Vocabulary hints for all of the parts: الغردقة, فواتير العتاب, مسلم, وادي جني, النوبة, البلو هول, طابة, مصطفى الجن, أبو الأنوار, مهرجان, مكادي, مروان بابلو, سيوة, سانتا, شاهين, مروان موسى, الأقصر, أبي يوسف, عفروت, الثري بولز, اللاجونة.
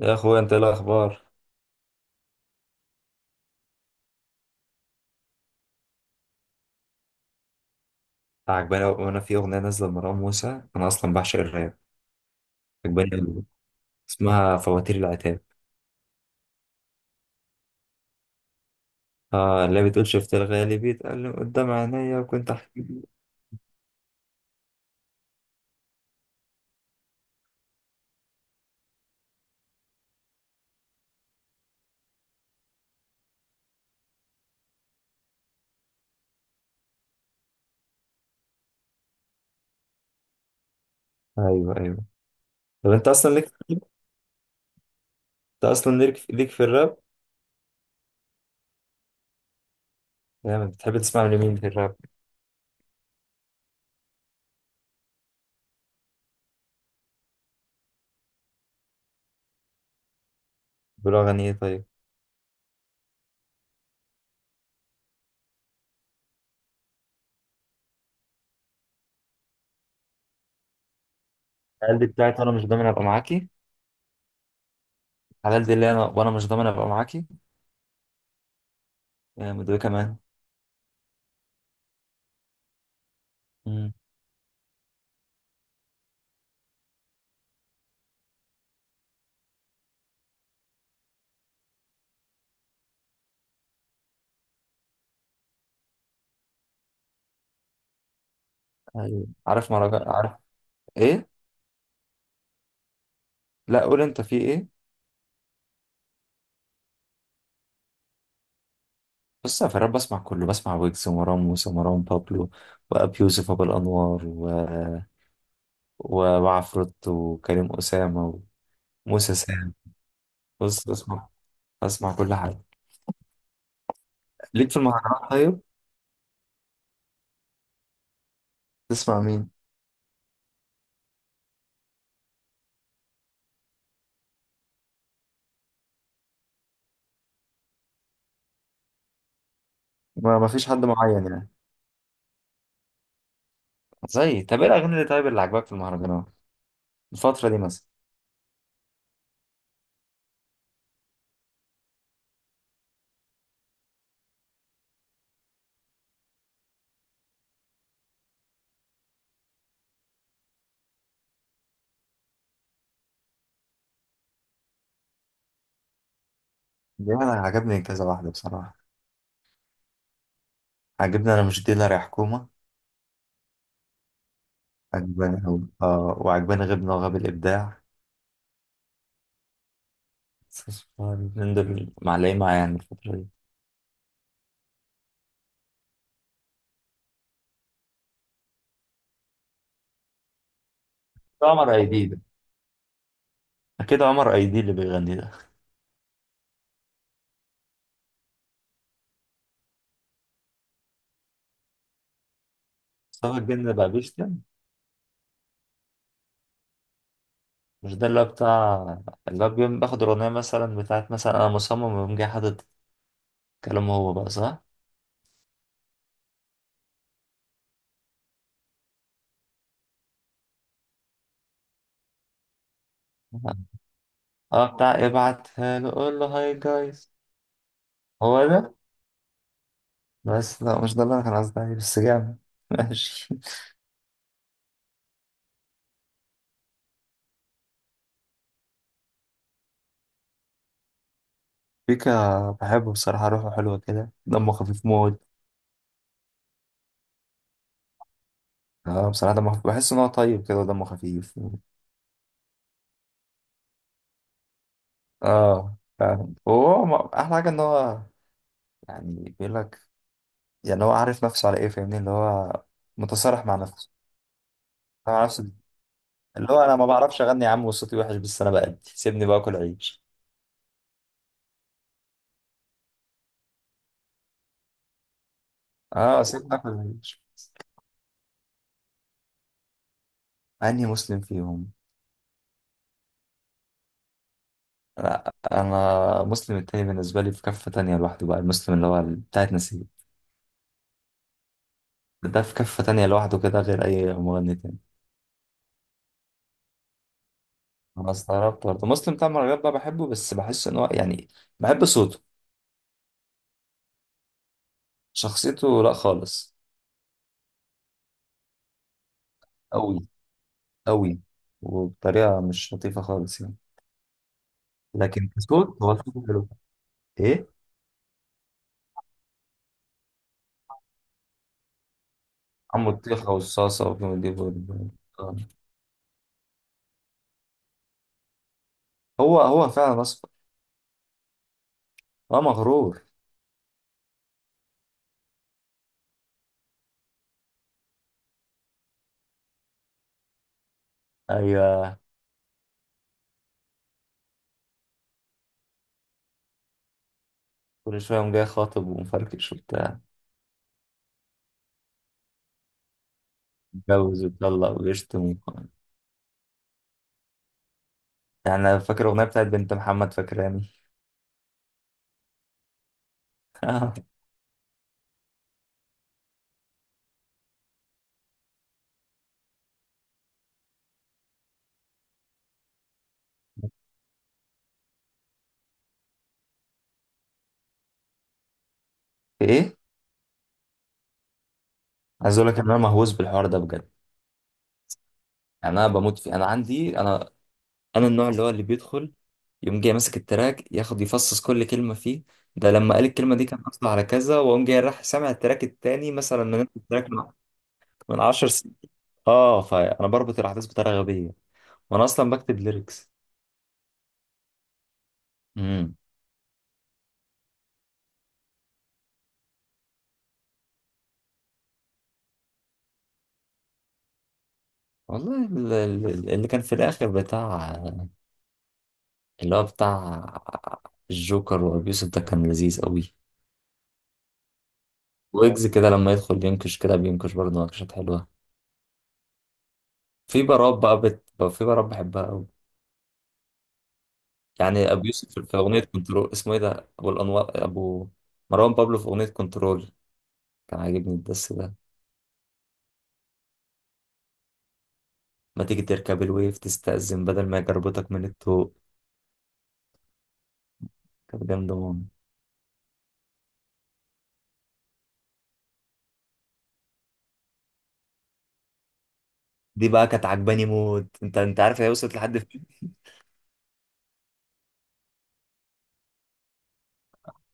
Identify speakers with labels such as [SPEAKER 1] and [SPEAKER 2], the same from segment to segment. [SPEAKER 1] يا اخويا، انت ايه الاخبار؟ وانا في اغنيه نازله لمروان موسى. انا اصلا بعشق الراب. عجباني أوي. اسمها فواتير العتاب. اه، اللي بتقول: شفت الغالي بيتقال قدام عينيا وكنت احكي. ايوه، ايوه. طب انت اصلا ليك انت اصلا ليك في الراب؟ يعني بتحب تسمع لمين في الراب؟ بيقولوا اغاني ايه طيب؟ الحلال دي بتاعت انا مش ضامن ابقى معاكي الحلال دي اللي انا مش ضامن ابقى معاكي. يا مدوي كمان. امم ايوه، عارف مهرجان، عارف. ايه؟ لا، قول انت في ايه. بص يا فراد، بسمع كله، بسمع ويجز ومروان موسى ومروان بابلو وأبي يوسف أبو الأنوار وعفروت وكريم أسامة وموسى سام. بص بسمع، بسمع كل حاجة. ليك في المهرجانات طيب؟ تسمع مين؟ ما فيش حد معين يعني. زي، طب إيه الأغاني اللي، طيب، اللي عجبك في المهرجانات الفترة دي مثلا؟ دي أنا عجبني كذا واحدة بصراحة. عجبني أنا مش ديلر يا حكومة. عجباني أوي. وعجباني غبنا وغاب الإبداع. من دول معلقين معايا يعني الفترة دي. عمر أيدي، اكيد عمر ايدي اللي بيغني ده. مصطفى الجن بقى بيشتم. مش ده اللي هو بتاع، اللي هو بيقوم باخد الاغنيه مثلا بتاعت مثلا انا مصمم ويقوم جاي حاطط كلامه هو بقى، صح؟ اه، بتاع ابعتها له، قول له هاي جايز. هو ده. بس لا، مش ده اللي انا كان قصدي عليه، بس جامد ماشي. بيكا بحبه بصراحة، روحه حلوة كده، دمه خفيف موت. اه، بصراحة دمه خفيف، بحس ان هو طيب كده ودمه خفيف. اه، فاهم. وهو احلى حاجة ان هو، يعني بيقول لك، يعني هو عارف نفسه على ايه، فاهمني، اللي هو متصارح مع نفسه. مع نفسه، اللي هو: انا ما بعرفش اغني يا عم وصوتي وحش، بس انا بأدي، سيبني باكل عيش. اه، سيبني اكل عيش. اني مسلم فيهم؟ لا، انا مسلم التاني بالنسبه لي في كفه تانية لوحده بقى، المسلم اللي هو بتاعت نسيب. ده في كفه تانية لوحده كده غير اي مغني تاني. انا استغربت برضه مسلم بتاع المهرجانات بقى، بحبه بس بحس ان هو يعني، بحب صوته. شخصيته لا خالص. قوي قوي. وبطريقه مش لطيفه خالص يعني. لكن كصوت، هو الصوت حلو. ايه؟ عم الطيخة والصلصة والجندب آه. هو فعلا اصفر. اه، مغرور. ايوه كل شوية قام جاي خاطب ومفركش وبتاع، متجوز ويطلق ويشتم يعني. انا فاكر الاغنية بتاعت بنت محمد فاكراني ايه؟ عايز اقول لك ان انا مهووس بالحوار ده بجد. يعني انا بموت فيه، انا عندي انا النوع اللي هو اللي بيدخل يقوم جاي ماسك التراك، ياخد يفصص كل كلمة فيه. ده لما قال الكلمة دي كان قصده على كذا، وقام جاي راح سامع التراك التاني مثلا من نفس التراك من 10 سنين. اه، فانا بربط الاحداث بطريقه غبيه. وانا اصلا بكتب ليركس. امم والله اللي كان في الاخر بتاع، اللي هو بتاع الجوكر وابي يوسف، ده كان لذيذ قوي. ويجز كده لما يدخل ينكش، كده بينكش برضه نكشات حلوه. في بارات بقى في بارات بحبها قوي. يعني ابو يوسف في في اغنيه كنترول، اسمه ايه ده، ابو الانوار، ابو، مروان بابلو في اغنيه كنترول، كان عاجبني الدس ده. ما تيجي تركب الويف، تستأذن بدل ما يجربتك من الطوق. كانت جامده. دي بقى كانت عجباني موت. انت عارف هي وصلت لحد فين؟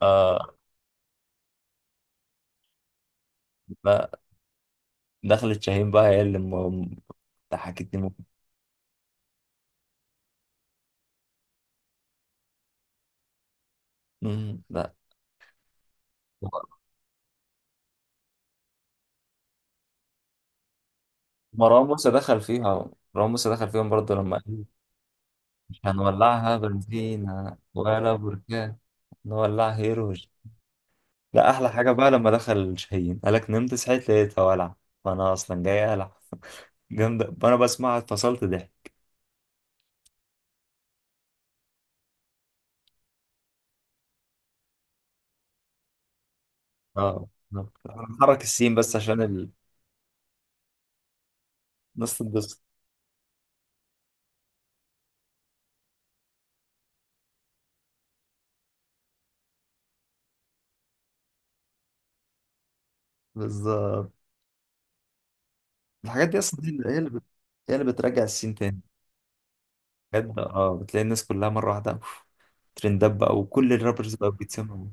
[SPEAKER 1] اه. لا، دخلت شاهين بقى، هي اللي ضحكتني موت. مم، لا. مروان موسى دخل فيها، مروان موسى دخل فيهم برضه لما قال: مش هنولعها بنزينة ولا بركان، نولعها هيروج. لا، أحلى حاجة بقى لما دخل شاهين، قالك: نمت صحيت لقيتها ولع، وأنا أصلا جاي ألع جامدة، وأنا بسمعها اتفصلت ضحك. اه، بالظبط. حرك السين بس عشان الناس تتبسط. بالظبط. الحاجات دي اصلا هي اللي بترجع السين تاني. بجد، اه، بتلاقي الناس كلها مره واحده أوف، ترندات بقى وكل الرابرز بقى بيتسمعوا.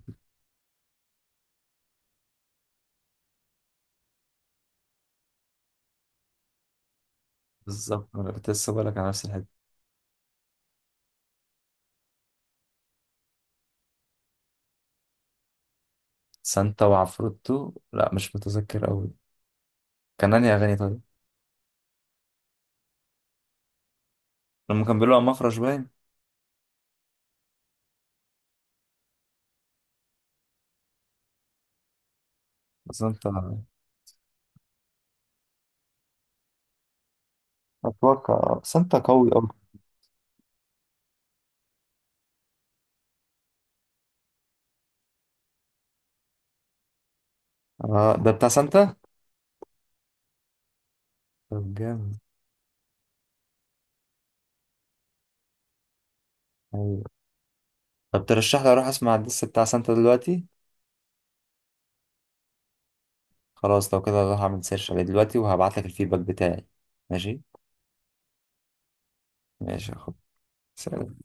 [SPEAKER 1] بالظبط، انا كنت لسه بقولك على نفس الحته. سانتا وعفروتو، لا مش متذكر قوي. كان انهي اغاني طيب؟ لما كان بيقولوا على مفرش باين. سانتا، اتوقع سانتا قوي قوي. اه، ده بتاع سانتا. طب جامد. ايوه. طب ترشح لي اروح اسمع الدس بتاع سانتا دلوقتي؟ خلاص، لو كده هروح اعمل سيرش عليه دلوقتي وهبعت لك الفيدباك بتاعي. ماشي. ماشي يا اخويا. سلام.